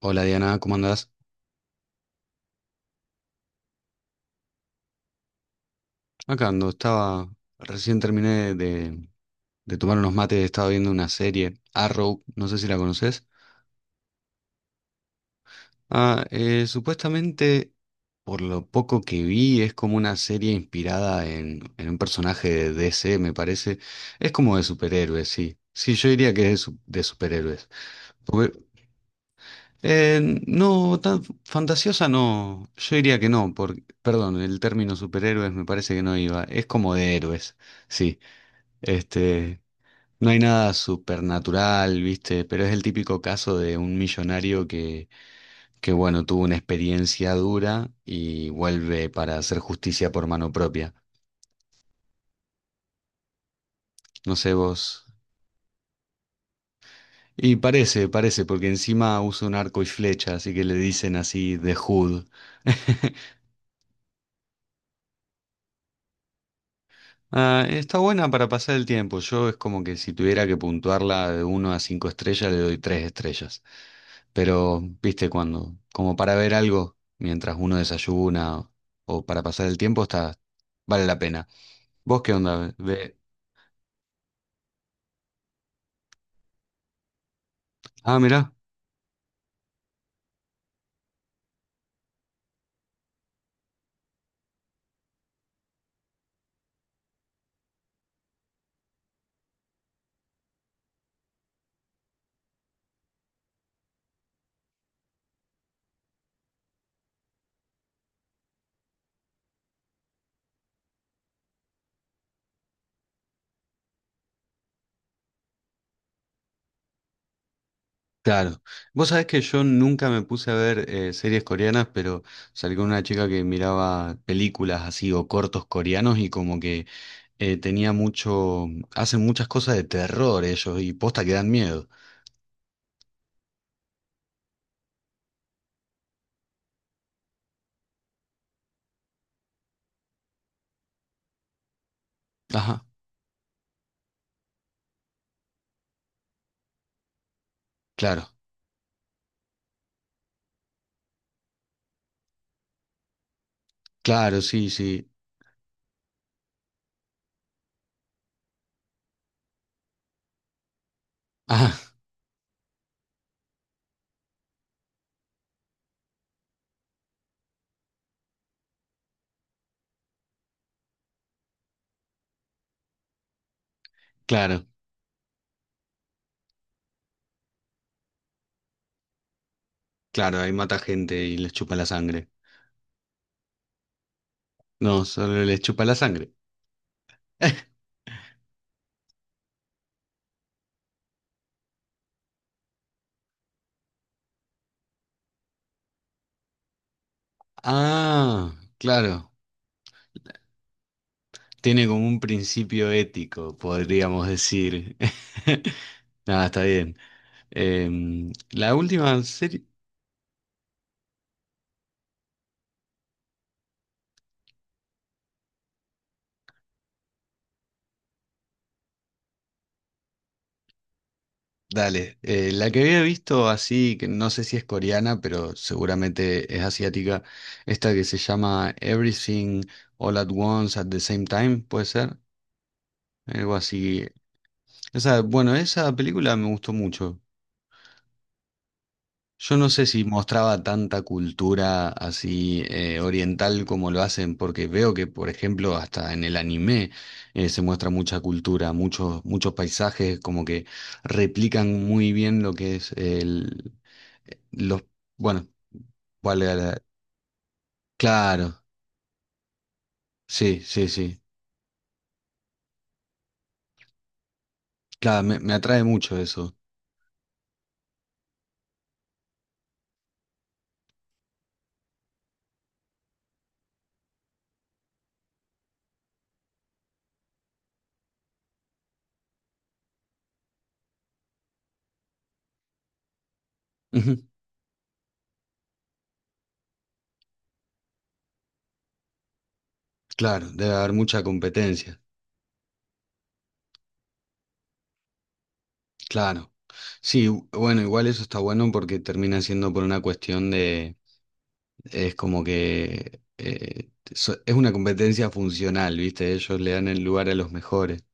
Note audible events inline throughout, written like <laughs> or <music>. Hola Diana, ¿cómo andás? Acá ando, estaba, recién terminé de tomar unos mates, estaba viendo una serie, Arrow, no sé si la conoces. Supuestamente, por lo poco que vi, es como una serie inspirada en un personaje de DC, me parece. Es como de superhéroes, sí. Sí, yo diría que es de, de superhéroes. Porque, eh, no, tan fantasiosa no, yo diría que no, porque, perdón, el término superhéroes me parece que no iba, es como de héroes, sí. Este, no hay nada supernatural, ¿viste? Pero es el típico caso de un millonario que, bueno, tuvo una experiencia dura y vuelve para hacer justicia por mano propia. No sé vos. Y parece, porque encima usa un arco y flecha, así que le dicen así de Hood. <laughs> Ah, está buena para pasar el tiempo. Yo es como que si tuviera que puntuarla de uno a 5 estrellas, le doy 3 estrellas. Pero, viste, cuando, como para ver algo mientras uno desayuna o para pasar el tiempo, está, vale la pena. ¿Vos qué onda? Ah, mirá, claro. Vos sabés que yo nunca me puse a ver series coreanas, pero salí con una chica que miraba películas así o cortos coreanos y como que tenía mucho, hacen muchas cosas de terror ellos y posta que dan miedo. Ajá, claro, claro, sí, sí. <laughs> Ajá, claro, claro, ahí mata gente y les chupa la sangre. No, solo les chupa la sangre. <laughs> Ah, claro. Tiene como un principio ético, podríamos decir. <laughs> Nada, está bien. La última serie, dale, la que había visto así, que no sé si es coreana, pero seguramente es asiática, esta que se llama Everything All at Once at the Same Time, puede ser, algo así. Esa, bueno, esa película me gustó mucho. Yo no sé si mostraba tanta cultura así oriental como lo hacen, porque veo que, por ejemplo, hasta en el anime se muestra mucha cultura, muchos paisajes como que replican muy bien lo que es el, los, bueno, cuál era la- claro, sí, sí, sí. Claro, me atrae mucho eso. Ujú, claro, debe haber mucha competencia. Claro. Sí, bueno, igual eso está bueno porque termina siendo por una cuestión de. Es como que es una competencia funcional, ¿viste? Ellos le dan el lugar a los mejores.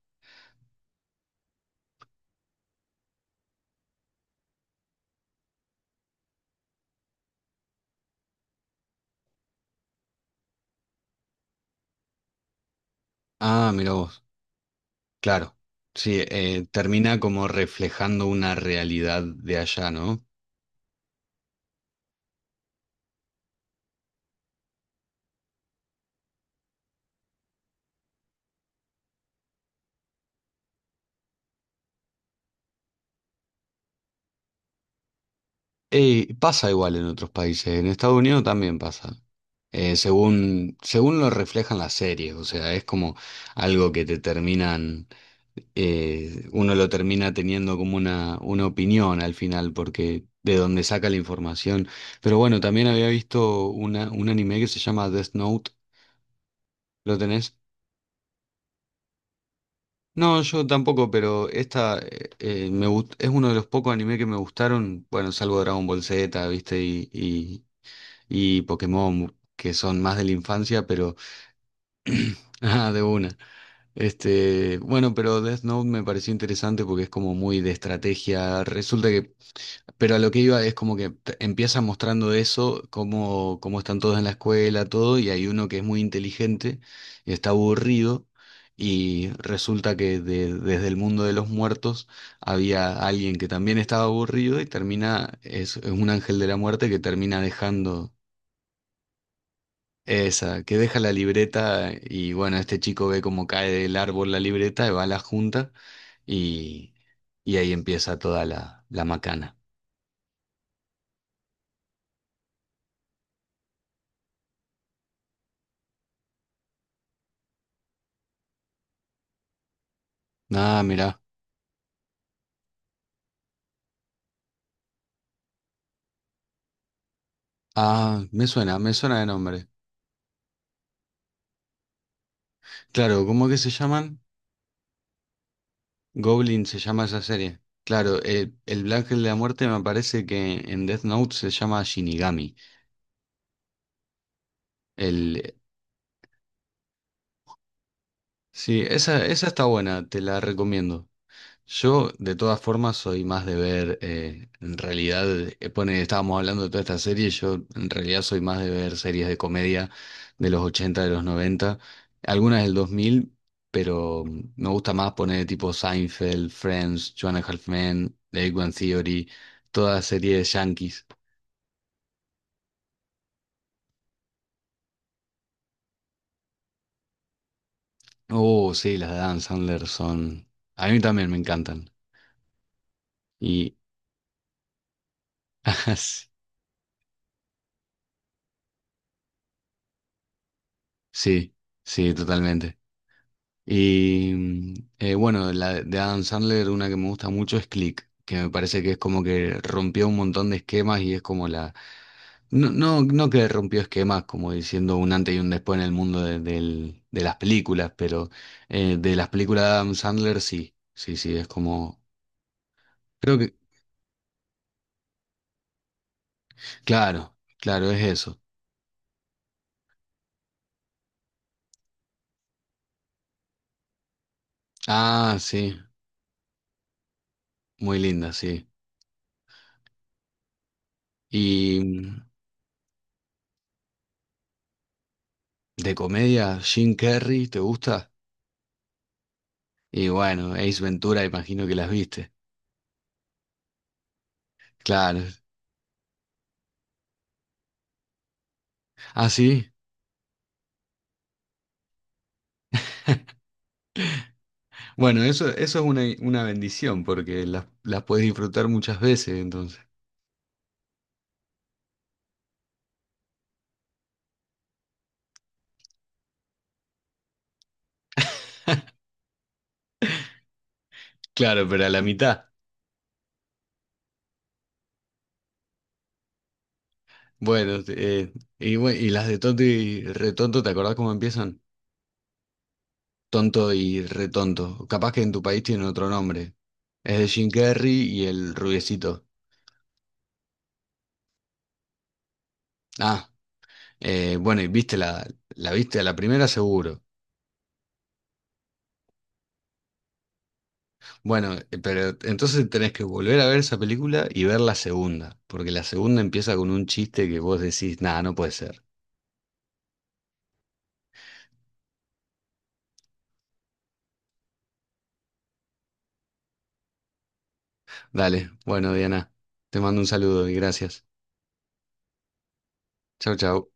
Ah, mira vos, claro. Sí, termina como reflejando una realidad de allá, ¿no? Y pasa igual en otros países, en Estados Unidos también pasa. Según lo reflejan las series, o sea, es como algo que te terminan, uno lo termina teniendo como una opinión al final, porque de donde saca la información. Pero bueno, también había visto una, un anime que se llama Death Note, ¿lo tenés? No, yo tampoco, pero esta es uno de los pocos anime que me gustaron, bueno, salvo Dragon Ball Z, ¿viste? Y Pokémon, que son más de la infancia, pero <clears throat> ah, de una. Este, bueno, pero Death Note me pareció interesante porque es como muy de estrategia. Resulta que, pero a lo que iba es como que empieza mostrando eso, cómo están todos en la escuela, todo, y hay uno que es muy inteligente y está aburrido. Y resulta que desde el mundo de los muertos había alguien que también estaba aburrido y termina, es un ángel de la muerte que termina dejando. Esa, que deja la libreta y bueno, este chico ve cómo cae del árbol la libreta y va a la junta y, y ahí empieza toda la, la macana. Ah, mira. Ah, me suena de nombre. Claro, ¿cómo que se llaman? Goblin se llama esa serie. Claro, el Black Ángel de la Muerte me parece que en Death Note se llama Shinigami. El, sí, esa está buena, te la recomiendo. Yo, de todas formas, soy más de ver, en realidad, estábamos hablando de toda esta serie, yo en realidad soy más de ver series de comedia de los 80, de los 90, algunas del 2000, pero me gusta más poner tipo Seinfeld, Friends, Joanna Halfman, The Big Bang Theory, toda serie de Yankees. Oh, sí, las de Adam Sandler son... A mí también me encantan. Y... <laughs> sí, sí, totalmente. Y bueno, la de Adam Sandler, una que me gusta mucho es Click, que me parece que es como que rompió un montón de esquemas y es como la... No, no, no que rompió esquemas, como diciendo un antes y un después en el mundo de, de las películas, pero de las películas de Adam Sandler sí, sí, sí, es como... Creo que... Claro, claro, es eso. Ah, sí, muy linda, sí. Y de comedia, Jim Carrey, ¿te gusta? Y bueno, Ace Ventura, imagino que las viste. Claro. Ah, sí. Bueno, eso es una bendición porque las puedes disfrutar muchas veces, entonces. Claro, pero a la mitad. Bueno, y, y las de tonto y retonto, ¿te acordás cómo empiezan? Tonto y retonto. Capaz que en tu país tienen otro nombre. Es de Jim Carrey y el rubiecito. Ah, bueno, y viste la, la viste a la primera seguro. Bueno, pero entonces tenés que volver a ver esa película y ver la segunda, porque la segunda empieza con un chiste que vos decís, nada, no puede ser. Dale, bueno, Diana, te mando un saludo y gracias. Chau, chau.